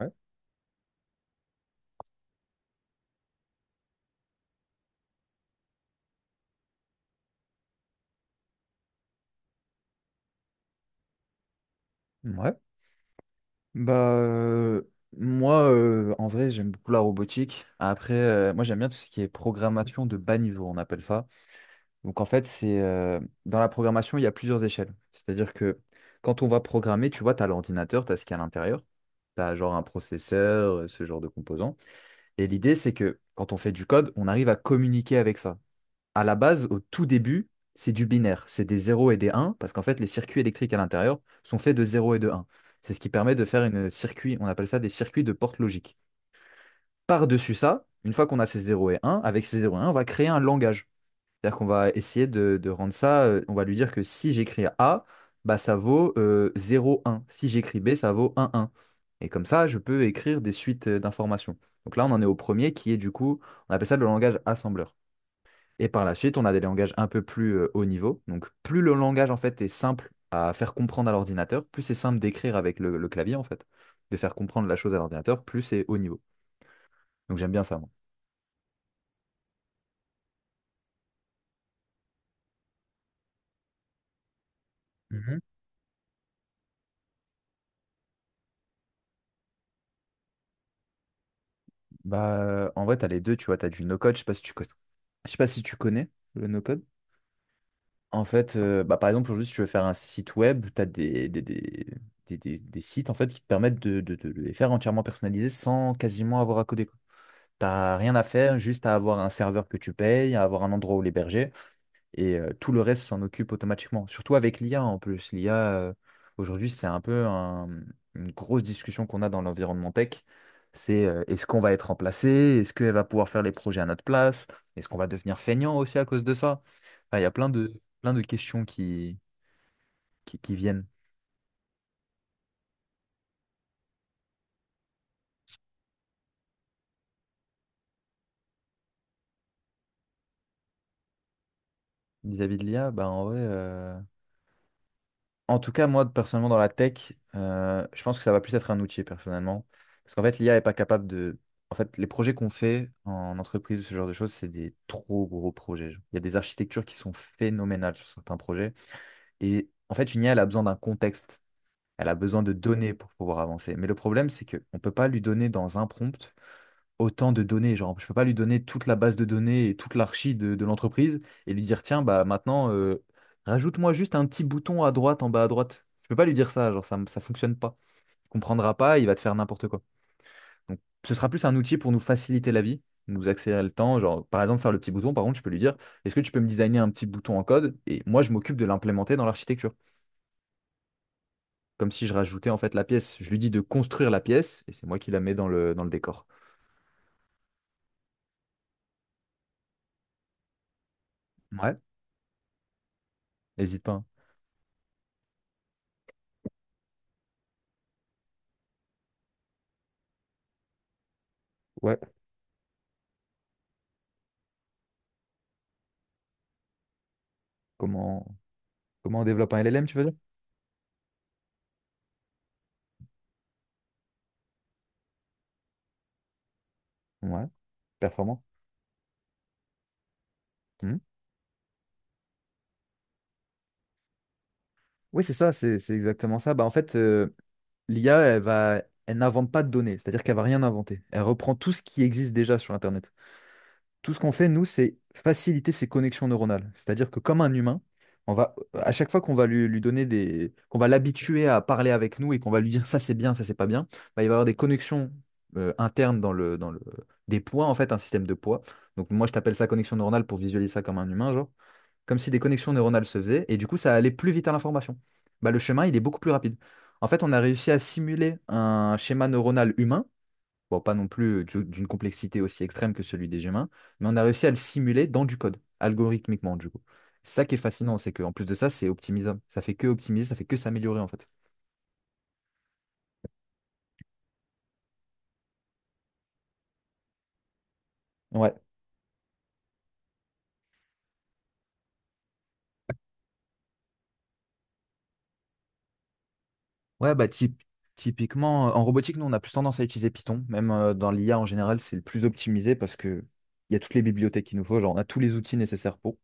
Ouais. Ouais. Bah, euh, Moi, en vrai, j'aime beaucoup la robotique. Après, moi, j'aime bien tout ce qui est programmation de bas niveau, on appelle ça. Donc, en fait, c'est dans la programmation, il y a plusieurs échelles. C'est-à-dire que quand on va programmer, tu vois, tu as l'ordinateur, tu as ce qu'il y a à l'intérieur. Tu as genre un processeur, ce genre de composants. Et l'idée, c'est que quand on fait du code, on arrive à communiquer avec ça. À la base, au tout début, c'est du binaire. C'est des zéros et des uns, parce qu'en fait, les circuits électriques à l'intérieur sont faits de 0 et de 1. C'est ce qui permet de faire une circuit, on appelle ça des circuits de porte logique. Par-dessus ça, une fois qu'on a ces 0 et 1, avec ces 0 et 1, on va créer un langage. C'est-à-dire qu'on va essayer de rendre ça, on va lui dire que si j'écris A, bah ça vaut 0, 1. Si j'écris B, ça vaut un un. Et comme ça, je peux écrire des suites d'informations. Donc là, on en est au premier qui est du coup, on appelle ça le langage assembleur. Et par la suite, on a des langages un peu plus haut niveau. Donc, plus le langage en fait est simple à faire comprendre à l'ordinateur, plus c'est simple d'écrire avec le clavier en fait, de faire comprendre la chose à l'ordinateur, plus c'est haut niveau. Donc, j'aime bien ça, moi. Mhm. En vrai, tu as les deux, tu vois, tu as du no-code, je sais pas si tu connais le no-code. En fait, par exemple, aujourd'hui, si tu veux faire un site web, tu as des sites en fait, qui te permettent de, de les faire entièrement personnalisés sans quasiment avoir à coder. T'as rien à faire, juste à avoir un serveur que tu payes, à avoir un endroit où l'héberger, et tout le reste s'en occupe automatiquement. Surtout avec l'IA en plus. L'IA, aujourd'hui, c'est une grosse discussion qu'on a dans l'environnement tech. C'est est-ce qu'on va être remplacé? Est-ce qu'elle va pouvoir faire les projets à notre place? Est-ce qu'on va devenir feignant aussi à cause de ça? Enfin, il y a plein de questions qui viennent vis-à-vis de l'IA. En tout cas, moi, personnellement, dans la tech, je pense que ça va plus être un outil, personnellement. Parce qu'en fait, l'IA est pas capable de… En fait, les projets qu'on fait en entreprise, ce genre de choses, c'est des trop gros projets, genre. Il y a des architectures qui sont phénoménales sur certains projets. Et en fait, une IA, elle a besoin d'un contexte. Elle a besoin de données pour pouvoir avancer. Mais le problème, c'est qu'on ne peut pas lui donner dans un prompt autant de données. Genre, je peux pas lui donner toute la base de données et toute l'archi de l'entreprise et lui dire, tiens, bah maintenant, rajoute-moi juste un petit bouton à droite, en bas à droite. Je peux pas lui dire ça, genre, ça fonctionne pas. Il comprendra pas, il va te faire n'importe quoi. Donc, ce sera plus un outil pour nous faciliter la vie, nous accélérer le temps. Genre, par exemple, faire le petit bouton, par contre, je peux lui dire, est-ce que tu peux me designer un petit bouton en code? Et moi, je m'occupe de l'implémenter dans l'architecture. Comme si je rajoutais en fait la pièce. Je lui dis de construire la pièce et c'est moi qui la mets dans le décor. Ouais, n'hésite pas, hein. Ouais. Comment? Comment on développe un LLM, tu veux dire? Ouais, performant. Mhm. Oui, c'est ça, c'est exactement ça. Bah, en fait, l'IA, elle n'invente pas de données, c'est-à-dire qu'elle va rien inventer. Elle reprend tout ce qui existe déjà sur Internet. Tout ce qu'on fait, nous, c'est faciliter ses connexions neuronales. C'est-à-dire que comme un humain, on va, à chaque fois qu'on va lui donner des, qu'on va l'habituer à parler avec nous et qu'on va lui dire ça c'est bien, ça c'est pas bien, bah, il va y avoir des connexions internes dans le, des poids, en fait, un système de poids. Donc moi, je t'appelle ça connexion neuronale pour visualiser ça comme un humain, genre, comme si des connexions neuronales se faisaient, et du coup, ça allait plus vite à l'information. Bah, le chemin, il est beaucoup plus rapide. En fait, on a réussi à simuler un schéma neuronal humain, bon, pas non plus d'une complexité aussi extrême que celui des humains, mais on a réussi à le simuler dans du code, algorithmiquement, du coup. C'est ça qui est fascinant, c'est qu'en plus de ça, c'est optimisable. Ça fait que optimiser, ça fait que s'améliorer, en fait. Ouais. Ouais, bah typ- Typiquement, en robotique, nous, on a plus tendance à utiliser Python. Même dans l'IA en général, c'est le plus optimisé parce que il y a toutes les bibliothèques qu'il nous faut, genre on a tous les outils nécessaires pour.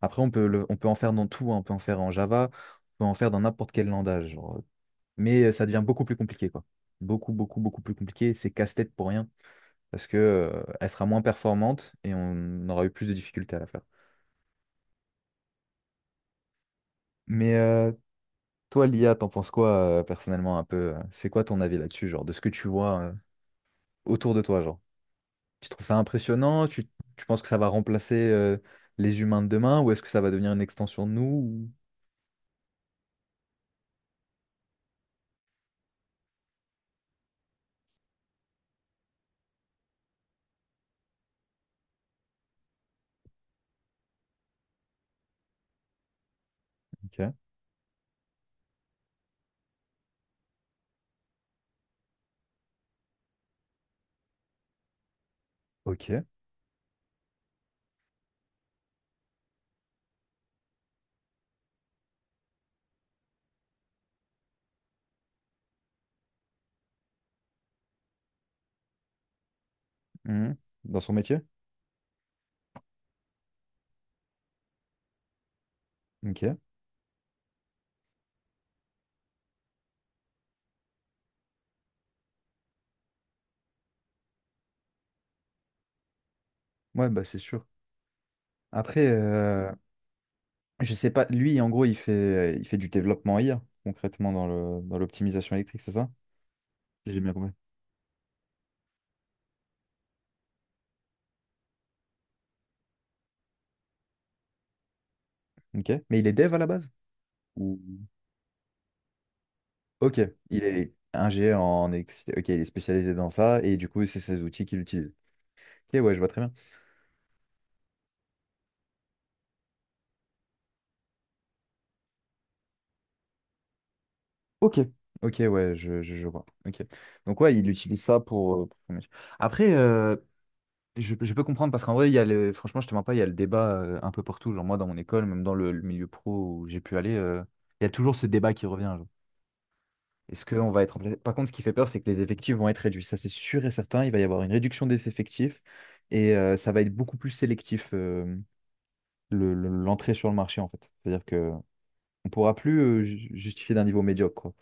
Après, on peut en faire dans tout, hein. On peut en faire en Java, on peut en faire dans n'importe quel langage, genre. Mais ça devient beaucoup plus compliqué, quoi. Beaucoup, beaucoup, beaucoup plus compliqué. C'est casse-tête pour rien parce que elle sera moins performante et on aura eu plus de difficultés à la faire. Mais toi, l'IA, t'en penses quoi personnellement un peu? C'est quoi ton avis là-dessus, genre de ce que tu vois autour de toi, genre? Tu trouves ça impressionnant? Tu penses que ça va remplacer les humains de demain ou est-ce que ça va devenir une extension de nous? Ou… ok. Ok. Mhm. Dans son métier? Ok. Ouais, bah c'est sûr. Après, je sais pas, lui, en gros, il fait du développement IA, concrètement, dans le, dans l'optimisation électrique, c'est ça? Si j'ai bien compris. Ok. Mais il est dev à la base? Ou… ok. Il est ingé en électricité. Ok, il est spécialisé dans ça et du coup, c'est ses outils qu'il utilise. Ok, ouais, je vois très bien. Ok, ok, ouais, je vois. Ok. Donc ouais, il utilise ça pour, pour son métier. Après, je peux comprendre parce qu'en vrai, il y a le, franchement, je te mens pas, il y a le débat un peu partout. Genre moi, dans mon école, même dans le milieu pro où j'ai pu aller, il y a toujours ce débat qui revient, genre. Est-ce qu'on va être remplacé? Par contre, ce qui fait peur, c'est que les effectifs vont être réduits. Ça, c'est sûr et certain. Il va y avoir une réduction des effectifs et ça va être beaucoup plus sélectif, l'entrée sur le marché en fait. C'est-à-dire que on pourra plus justifier d'un niveau médiocre, quoi.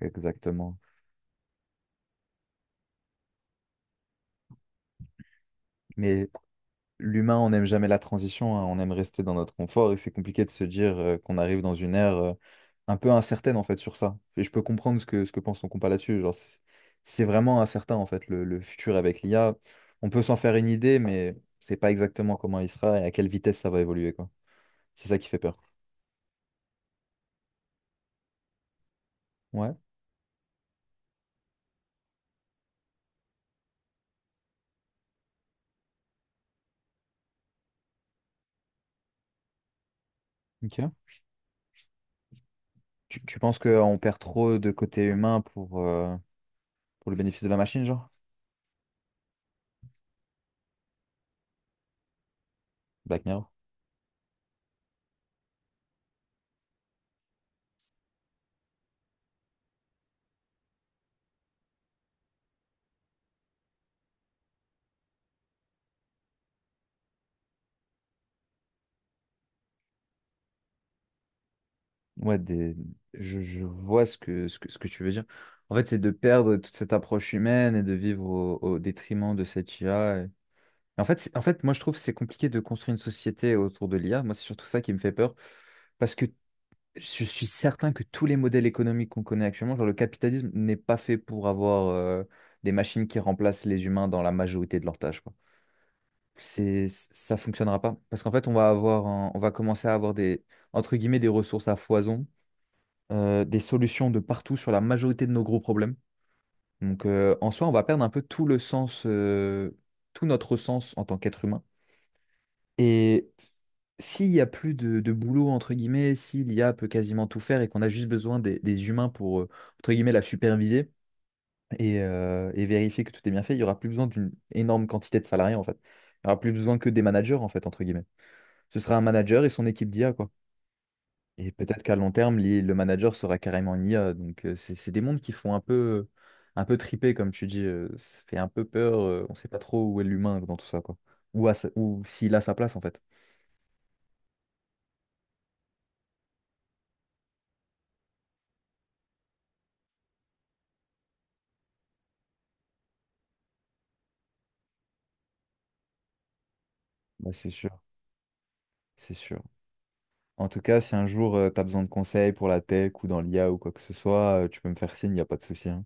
Exactement. Mais l'humain, on n'aime jamais la transition, hein, on aime rester dans notre confort et c'est compliqué de se dire qu'on arrive dans une ère un peu incertaine en fait sur ça. Et je peux comprendre ce que pense ton compas là-dessus. Genre, c'est vraiment incertain en fait le futur avec l'IA. On peut s'en faire une idée, mais c'est pas exactement comment il sera et à quelle vitesse ça va évoluer, quoi. C'est ça qui fait peur. Ouais, ok. Tu penses qu'on perd trop de côté humain pour le bénéfice de la machine, genre? Black Mirror. Ouais, des… je vois ce que, ce que, ce que tu veux dire. En fait, c'est de perdre toute cette approche humaine et de vivre au, au détriment de cette IA. Et… en fait, moi, je trouve que c'est compliqué de construire une société autour de l'IA. Moi, c'est surtout ça qui me fait peur parce que je suis certain que tous les modèles économiques qu'on connaît actuellement, genre le capitalisme, n'est pas fait pour avoir des machines qui remplacent les humains dans la majorité de leurs tâches, quoi. Ça fonctionnera pas parce qu'en fait, on va commencer à avoir des, entre guillemets, des ressources à foison, des solutions de partout sur la majorité de nos gros problèmes. Donc en soi, on va perdre un peu tout le sens, tout notre sens en tant qu'être humain. Et s'il n'y a plus de boulot, entre guillemets, si l'I a peut quasiment tout faire et qu'on a juste besoin des humains pour, entre guillemets, la superviser et vérifier que tout est bien fait, il n'y aura plus besoin d'une énorme quantité de salariés, en fait. Il n'y aura plus besoin que des managers, en fait, entre guillemets. Ce sera un manager et son équipe d'IA, quoi. Et peut-être qu'à long terme, le manager sera carrément une IA. Donc, c'est des mondes qui font un peu triper, comme tu dis. Ça fait un peu peur. On ne sait pas trop où est l'humain dans tout ça, quoi. Ou, ou s'il a sa place, en fait. Bah, c'est sûr, c'est sûr. En tout cas, si un jour, tu as besoin de conseils pour la tech ou dans l'IA ou quoi que ce soit, tu peux me faire signe, il n'y a pas de souci, hein.